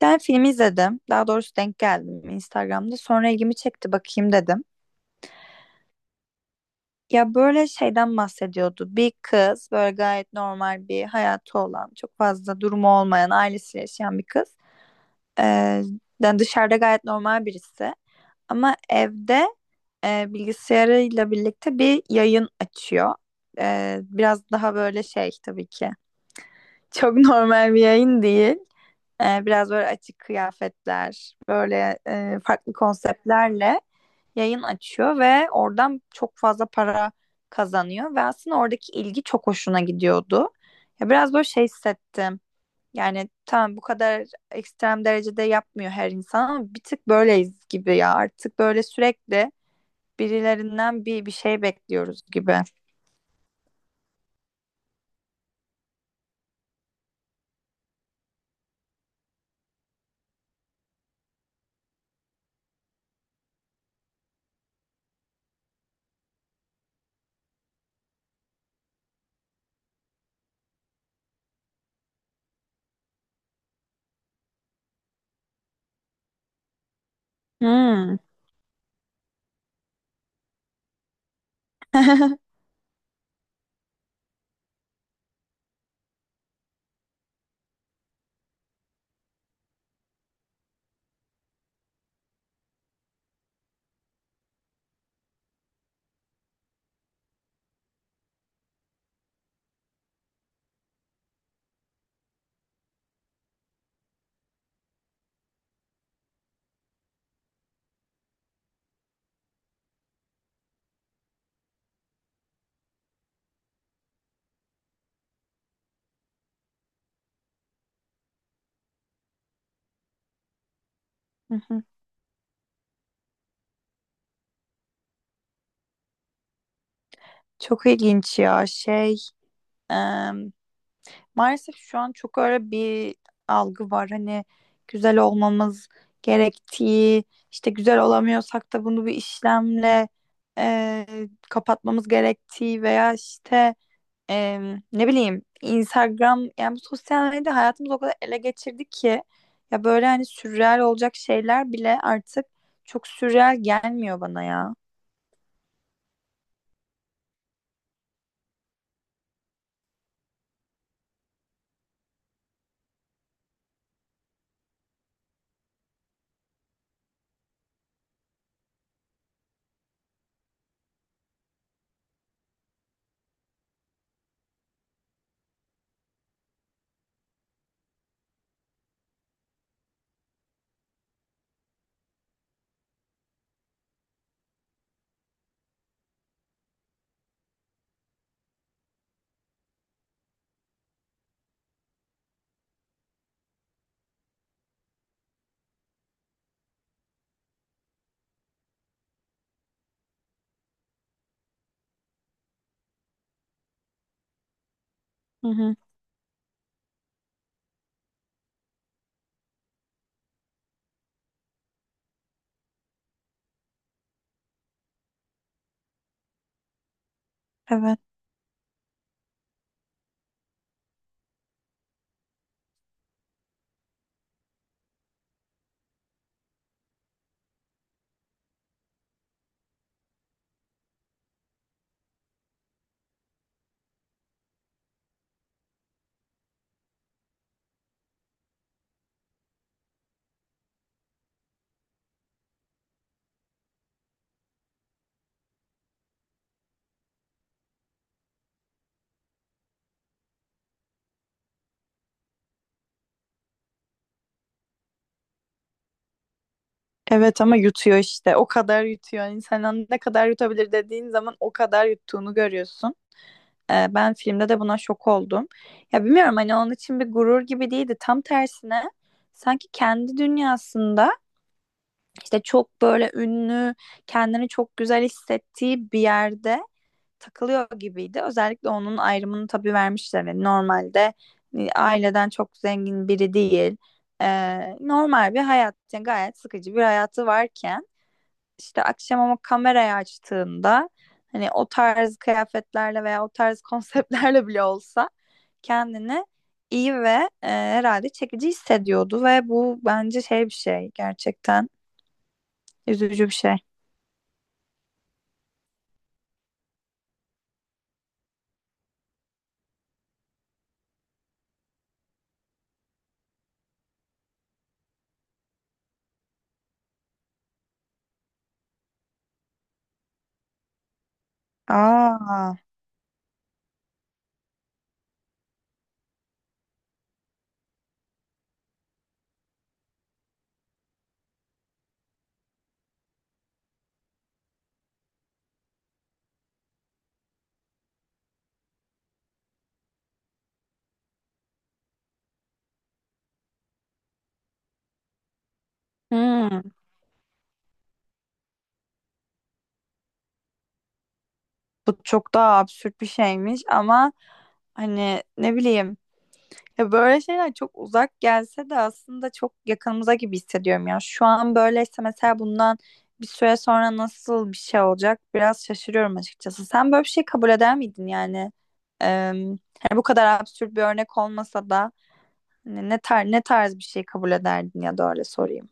Ben film izledim. Daha doğrusu denk geldim Instagram'da. Sonra ilgimi çekti bakayım dedim. Ya böyle şeyden bahsediyordu. Bir kız böyle gayet normal bir hayatı olan, çok fazla durumu olmayan, ailesiyle yaşayan bir kız. Ee, Yani dışarıda gayet normal birisi. Ama evde bilgisayarıyla birlikte bir yayın açıyor. Biraz daha böyle şey tabii ki. Çok normal bir yayın değil. Biraz böyle açık kıyafetler, böyle farklı konseptlerle yayın açıyor ve oradan çok fazla para kazanıyor ve aslında oradaki ilgi çok hoşuna gidiyordu. Ya biraz böyle şey hissettim. Yani tamam bu kadar ekstrem derecede yapmıyor her insan ama bir tık böyleyiz gibi ya. Artık böyle sürekli birilerinden bir şey bekliyoruz gibi. Hmm. Çok ilginç ya şey. em, Maalesef şu an çok öyle bir algı var. Hani güzel olmamız gerektiği, işte güzel olamıyorsak da bunu bir işlemle e, kapatmamız gerektiği veya işte e, ne bileyim Instagram, yani bu sosyal medya hayatımızı o kadar ele geçirdi ki ya böyle hani sürreal olacak şeyler bile artık çok sürreal gelmiyor bana ya. Hı hı, evet. Evet ama yutuyor işte. O kadar yutuyor. İnsanın ne kadar yutabilir dediğin zaman o kadar yuttuğunu görüyorsun. Ben filmde de buna şok oldum. Ya bilmiyorum hani onun için bir gurur gibi değildi. Tam tersine sanki kendi dünyasında işte çok böyle ünlü, kendini çok güzel hissettiği bir yerde takılıyor gibiydi. Özellikle onun ayrımını tabii vermişler. Yani normalde aileden çok zengin biri değil. Normal bir hayat, yani gayet sıkıcı bir hayatı varken işte akşam ama kamerayı açtığında hani o tarz kıyafetlerle veya o tarz konseptlerle bile olsa kendini iyi ve herhalde çekici hissediyordu ve bu bence şey bir şey, gerçekten üzücü bir şey. Aa, hmm, bu çok daha absürt bir şeymiş ama hani ne bileyim ya böyle şeyler çok uzak gelse de aslında çok yakınımıza gibi hissediyorum ya. Şu an böyleyse mesela bundan bir süre sonra nasıl bir şey olacak biraz şaşırıyorum açıkçası. Sen böyle bir şey kabul eder miydin yani? Eee, Hani bu kadar absürt bir örnek olmasa da hani ne tarz bir şey kabul ederdin ya da öyle sorayım.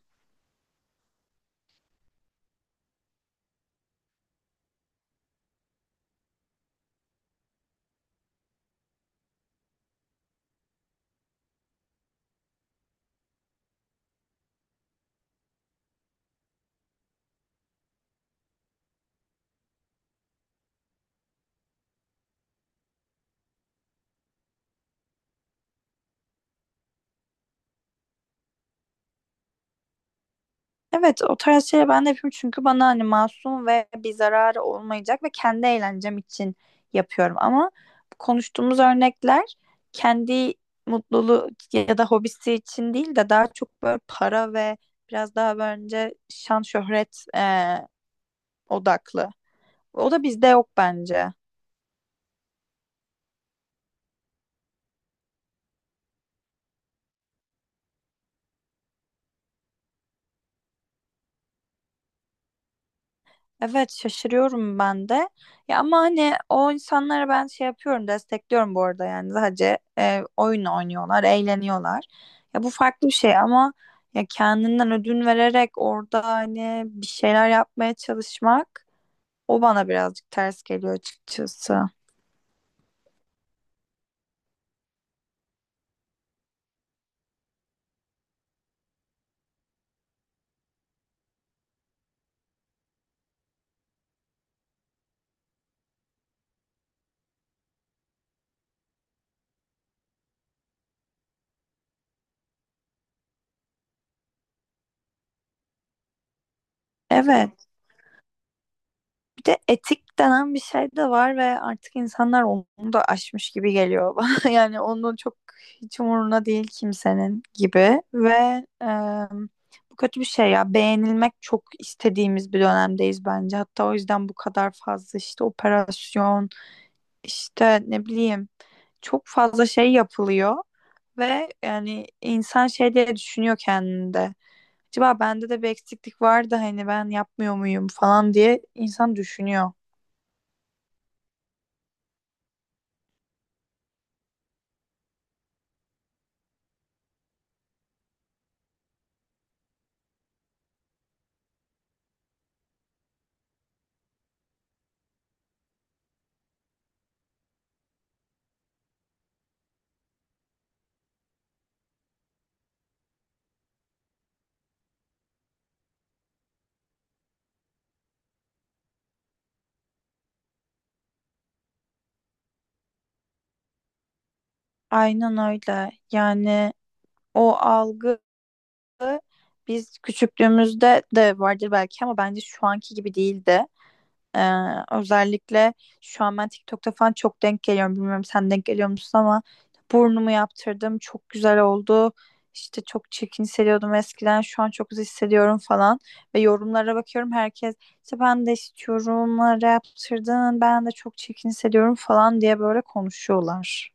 Evet, o tarz şeyleri ben de yapıyorum çünkü bana hani masum ve bir zararı olmayacak ve kendi eğlencem için yapıyorum ama konuştuğumuz örnekler kendi mutluluğu ya da hobisi için değil de daha çok böyle para ve biraz daha bence şan şöhret odaklı. O da bizde yok bence. Evet, şaşırıyorum ben de. Ya ama hani o insanlara ben şey yapıyorum, destekliyorum bu arada yani sadece oyun oynuyorlar, eğleniyorlar. Ya bu farklı bir şey ama ya kendinden ödün vererek orada hani bir şeyler yapmaya çalışmak o bana birazcık ters geliyor açıkçası. Evet. Bir de etik denen bir şey de var ve artık insanlar onu da aşmış gibi geliyor bana. Yani onu çok hiç umuruna değil kimsenin gibi ve bu kötü bir şey ya. Beğenilmek çok istediğimiz bir dönemdeyiz bence. Hatta o yüzden bu kadar fazla işte operasyon, işte ne bileyim çok fazla şey yapılıyor ve yani insan şey diye düşünüyor kendinde. Acaba bende de bir eksiklik var da hani ben yapmıyor muyum falan diye insan düşünüyor. Aynen öyle. Yani o algı biz küçüklüğümüzde de vardır belki ama bence şu anki gibi değildi. Ee, Özellikle şu an ben TikTok'ta falan çok denk geliyorum. Bilmiyorum sen denk geliyor musun ama burnumu yaptırdım. Çok güzel oldu. İşte çok çirkin hissediyordum eskiden. Şu an çok güzel hissediyorum falan. Ve yorumlara bakıyorum herkes işte ben de istiyorum. Bana yaptırdın. Ben de çok çirkin hissediyorum falan diye böyle konuşuyorlar.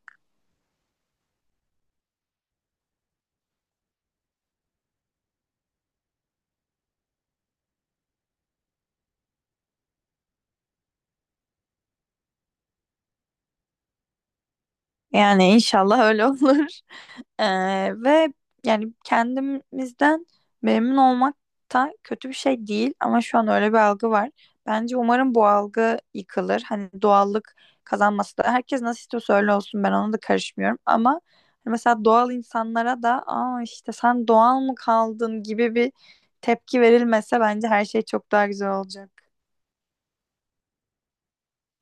Yani inşallah öyle olur. Ve yani kendimizden memnun olmak da kötü bir şey değil ama şu an öyle bir algı var. Bence umarım bu algı yıkılır. Hani doğallık kazanması da herkes nasıl istiyorsa öyle olsun, ben ona da karışmıyorum ama hani mesela doğal insanlara da aa işte sen doğal mı kaldın gibi bir tepki verilmese bence her şey çok daha güzel olacak.